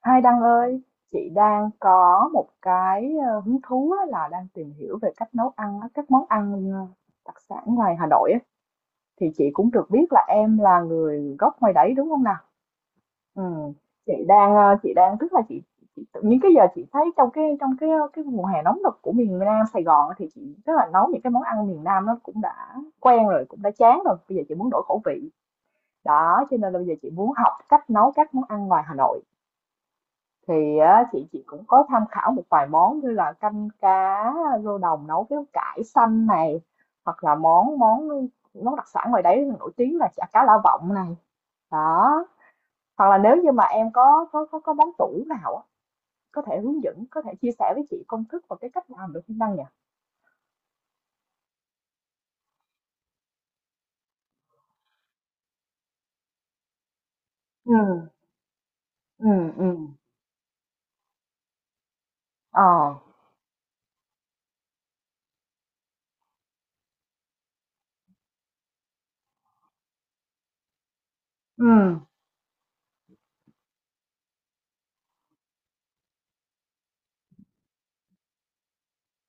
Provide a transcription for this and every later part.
Hai Đăng ơi, chị đang có một cái hứng thú á, là đang tìm hiểu về cách nấu ăn á, các món ăn đặc sản ngoài Hà Nội á. Thì chị cũng được biết là em là người gốc ngoài đấy, đúng không nào? Ừ. Chị đang ờ, chị đang tức là chị tự nhiên cái giờ chị thấy trong cái cái mùa hè nóng nực của miền Nam Sài Gòn á, thì chị tức là nấu những cái món ăn miền Nam nó cũng đã quen rồi, cũng đã chán rồi. Bây giờ chị muốn đổi khẩu vị. Đó, cho nên là bây giờ chị muốn học cách nấu các món ăn ngoài Hà Nội thì á, chị cũng có tham khảo một vài món như là canh cá rô đồng nấu với cải xanh này, hoặc là món món món đặc sản ngoài đấy nổi tiếng là chả cá lã vọng này, đó, hoặc là nếu như mà em có món tủ nào á, có thể hướng dẫn, có thể chia sẻ với chị công thức và cái cách làm được không Đăng nhỉ? Ừ. Ừ. Ừ. Ờ. Ừ.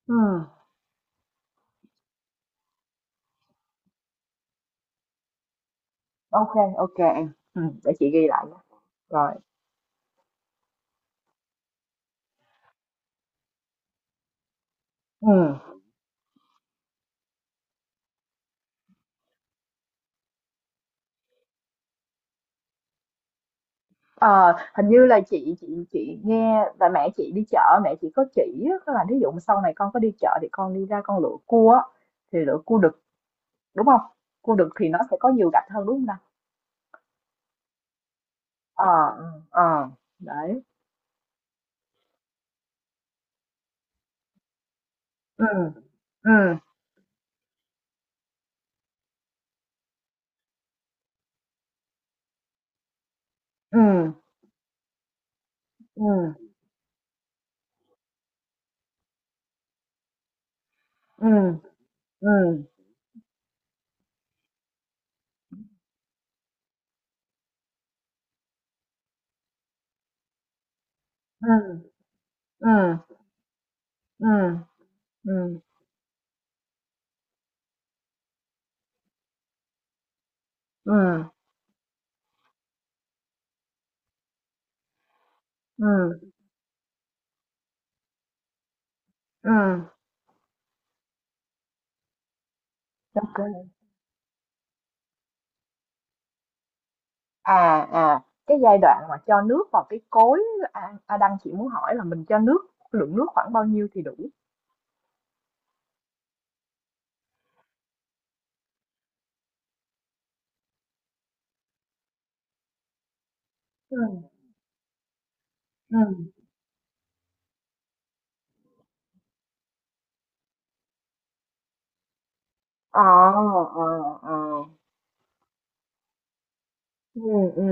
Ừ. OK. OK em, ừ, để chị ghi lại nha. Rồi. Ừ. Ờ, hình như là chị chị nghe là mẹ chị đi chợ, mẹ chị có chỉ á, có là ví dụ mà sau này con có đi chợ thì con đi ra con lựa cua á, thì lựa cua đực đúng không? Cua đực thì nó sẽ có nhiều gạch hơn, đúng không nào? Ờ. Ừ. Ờ. Đấy. Ừ. Ừ. Ừ. Ừ. Ừ. Ừ. Ừ. Ừ. Ừ. Ừ. Ừ. Ừ. Ừ. OK. À. À. Cái giai đoạn mà cho nước vào cái cối, à, à đang chị muốn hỏi là mình cho nước, lượng nước khoảng bao nhiêu thì đủ? Ừ. Ừ. Ờ. ờ, ờ. Ừ. Ừ.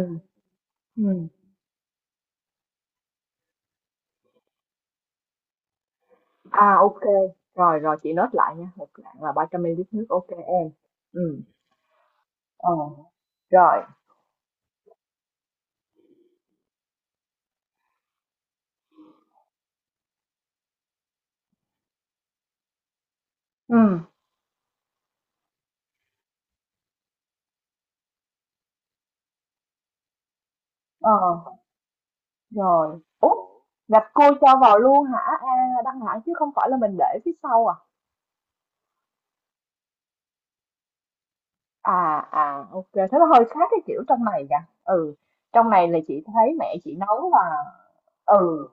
Ừm. À, ô, rồi, rồi chị nốt lại nha, một lạng là 300 ml nước, OK em. Ừ. Ờ, rồi. Ừ. Ờ, rồi. Úp gạch cua cho vào luôn hả? A, Đăng hả? Chứ không phải là mình để phía sau à? À, à, ô, thế nó hơi khác cái kiểu trong này kìa. Ừ, trong này là chị thấy mẹ chị nấu là ừ,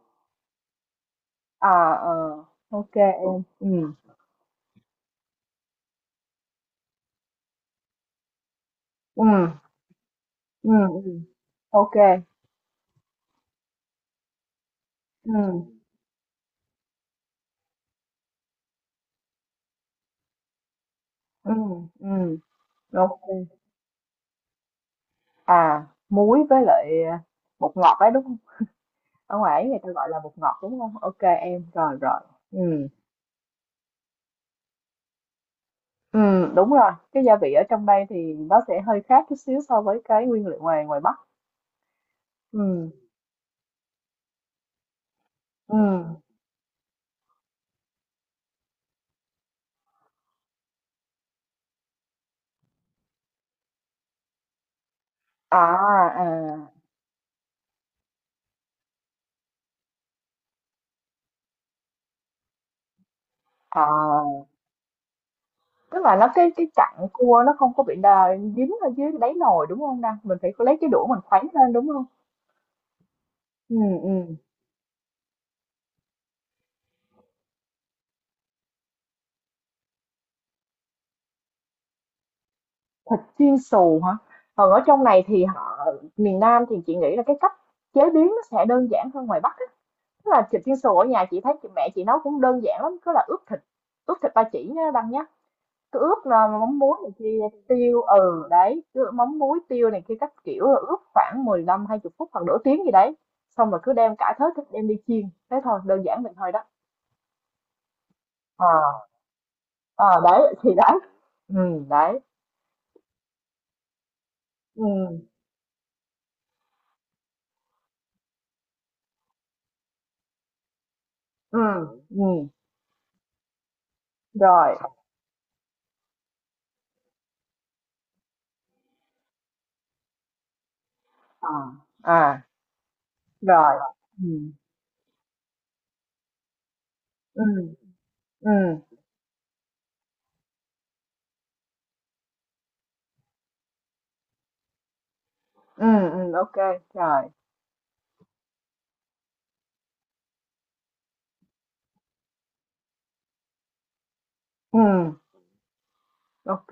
à, ờ, ô em, ừ, ừ, ừ ừm. Ô. Ừ. Ừm, đúng. À, muối với lại, à, bột ngọt ấy, đúng không? Ở ngoài ấy người ta gọi là bột ngọt, đúng không? OK em, rồi, rồi. Ừ. Ừ. Đúng rồi, cái gia vị ở trong đây thì nó sẽ hơi khác chút xíu so với cái nguyên liệu ngoài ngoài Bắc. Ừ. Ừ. À, à, à, tức là nó cái chặn cua nó không có bị đà dính ở dưới đáy nồi, đúng không nè? Mình phải lấy cái đũa mình khuấy lên, đúng không? Ừ. Ừ. Thịt chiên xù hả? Còn ở trong này thì họ, miền Nam thì chị nghĩ là cái cách chế biến nó sẽ đơn giản hơn ngoài Bắc á. Tức là thịt chiên xù ở nhà chị thấy mẹ chị nấu cũng đơn giản lắm, cứ là ướp thịt ba chỉ nhá Đăng nhá. Cứ ướp là mắm muối này kia, tiêu, ừ đấy, cứ mắm muối tiêu này kia các kiểu là ướp khoảng 15 hai 20 phút hoặc nửa tiếng gì đấy. Xong rồi cứ đem cả thớ thịt đem đi chiên. Thế thôi, đơn giản vậy thôi đó. Ờ, à, à, đấy thì đấy. Ừ đấy. Ừ. Ừ. Ừ. Rồi. À. À. Rồi. Ừm, ừm, ừm, ô, rồi, ừm, ô, à,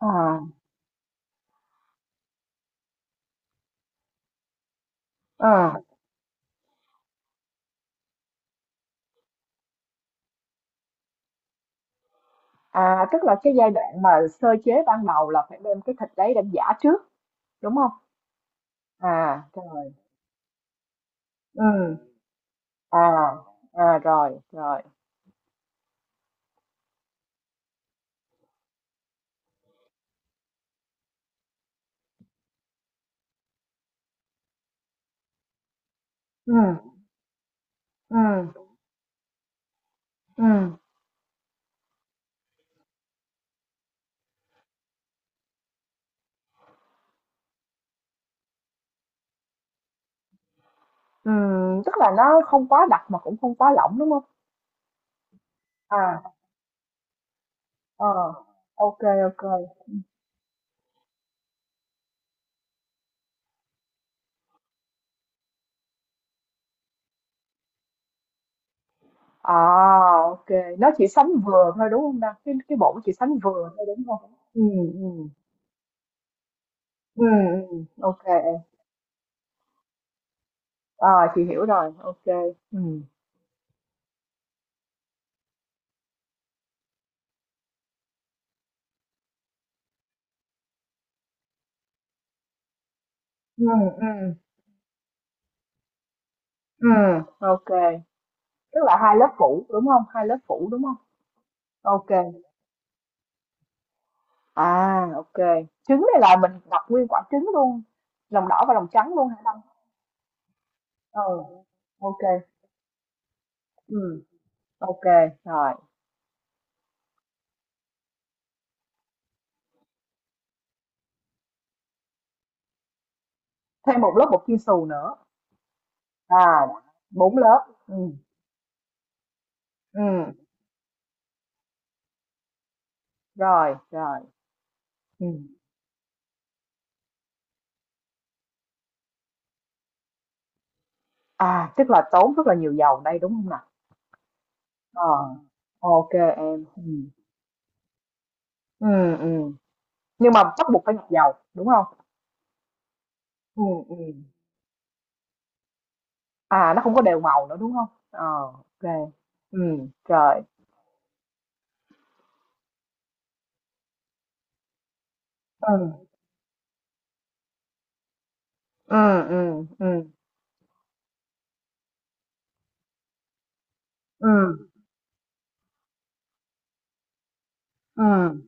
à, à, tức là cái giai đoạn mà sơ chế ban đầu là phải đem cái thịt đấy đem giã trước, đúng không? À, rồi, ừm, à, à, rồi, rồi, ừm, ừm, ừm, tức là nó không quá đặc mà cũng không quá lỏng, đúng không? À, ờ, ô kê, à, ô, nó chỉ sánh vừa thôi, đúng không ta? Cái bộ chỉ sánh vừa thôi, đúng không? Ừ. Ừ. OK kê. Ờ, chị hiểu rồi, OK. Ừ. Ừ. Ừ. Ừm. Ừm. Tức là 2 lớp phủ, đúng không? Hai lớp phủ, đúng không? OK kê, à, ô, trứng này là mình đặt nguyên quả trứng luôn, lòng đỏ và lòng trắng luôn hả Đăng? Ừ, ô kê, ừm, rồi. Thêm một lớp bột chiên xù nữa, à, 4 lớp, ừm, rồi, rồi, ừm. À, tức là tốn rất là nhiều dầu đây, đúng không nào? Ờ, OK em, ừ, ừ, ừm. Nhưng mà bắt buộc phải ngập dầu, đúng không? Ừm, ừm. À, nó không có đều màu nữa, đúng không? Ờ, ô kê. Rồi, ừm, ừm, ừm, ừm, ừm, ừm,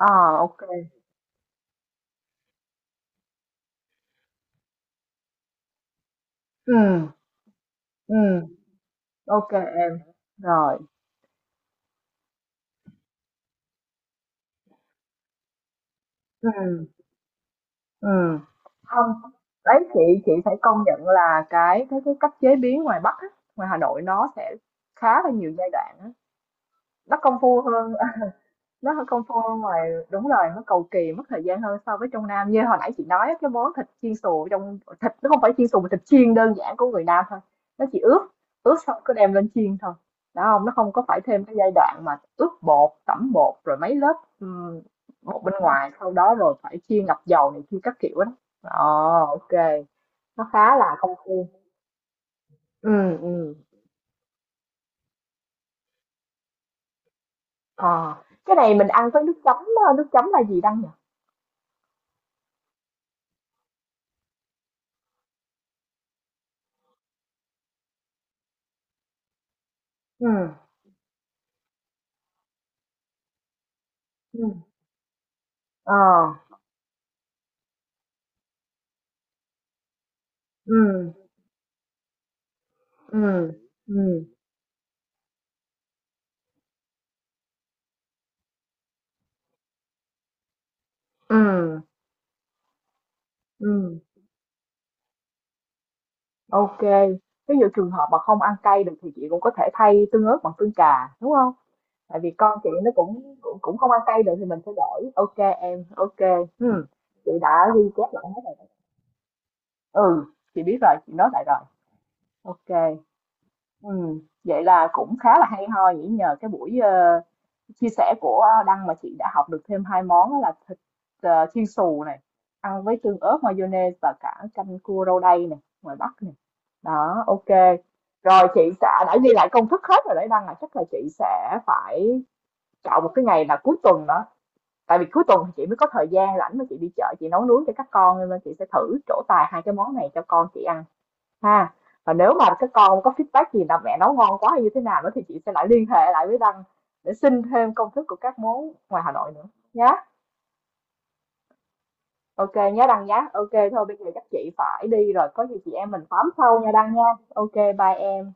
OK, ô kê, ừm, em, rồi, ừm, ừm. Không, đấy, chị phải công nhận là cái cách chế biến ngoài Bắc á, ngoài Hà Nội nó sẽ khá là nhiều giai đoạn á, nó công phu hơn. Nó hơi công phu hơn ngoài đúng rồi, nó cầu kỳ, mất thời gian hơn so với trong Nam. Như hồi nãy chị nói á, cái món thịt chiên xù ở trong, thịt nó không phải chiên xù mà thịt chiên đơn giản của người Nam thôi. Nó chỉ ướp, ướp xong cứ đem lên chiên thôi. Đó không? Nó không có phải thêm cái giai đoạn mà ướp bột, tẩm bột rồi mấy lớp, ừm, bột bên ngoài, sau đó rồi phải chiên ngập dầu này kia các kiểu đó. Ồ, OK. Nó khá là công phu. Ừ. Ừ. Ờ. Cái này mình ăn với nước chấm, á, nước chấm là gì Đăng nhỉ? Ừ. Ừ. Ờ. Ừ. Ừ. Ừ. Ừ. Ừ. OK kê. Ví dụ trường hợp mà không ăn cay được thì chị cũng có thể thay tương ớt bằng tương cà, đúng không? Tại vì con chị nó cũng cũng cũng không ăn cay được thì mình sẽ đổi. OK em, OK kê. Chị đã ghi chép lại hết rồi đó. Ừ, chị biết rồi, chị nói lại rồi. OK. Ừ, vậy là cũng khá là hay ho nhỉ, nhờ cái buổi chia sẻ của Đăng mà chị đã học được thêm hai món, đó là thịt chiên xù này ăn với tương ớt mayonnaise và cả canh cua rau đay này ngoài Bắc này, đó, OK rồi, chị sẽ đã ghi lại công thức hết rồi đấy Đăng, là chắc là chị sẽ phải chọn một cái ngày là cuối tuần đó, tại vì cuối tuần thì chị mới có thời gian rảnh mà chị đi chợ chị nấu nướng cho các con, nên là chị sẽ thử trổ tài hai cái món này cho con chị ăn. Ha, và nếu mà các con có feedback gì là mẹ nấu ngon quá hay như thế nào nữa thì chị sẽ lại liên hệ lại với Đăng để xin thêm công thức của các món ngoài Hà Nội nữa nhé. OK nhé Đăng nhé. OK thôi bây giờ chắc chị phải đi rồi, có gì chị em mình tám sau nha Đăng nha. OK bye em.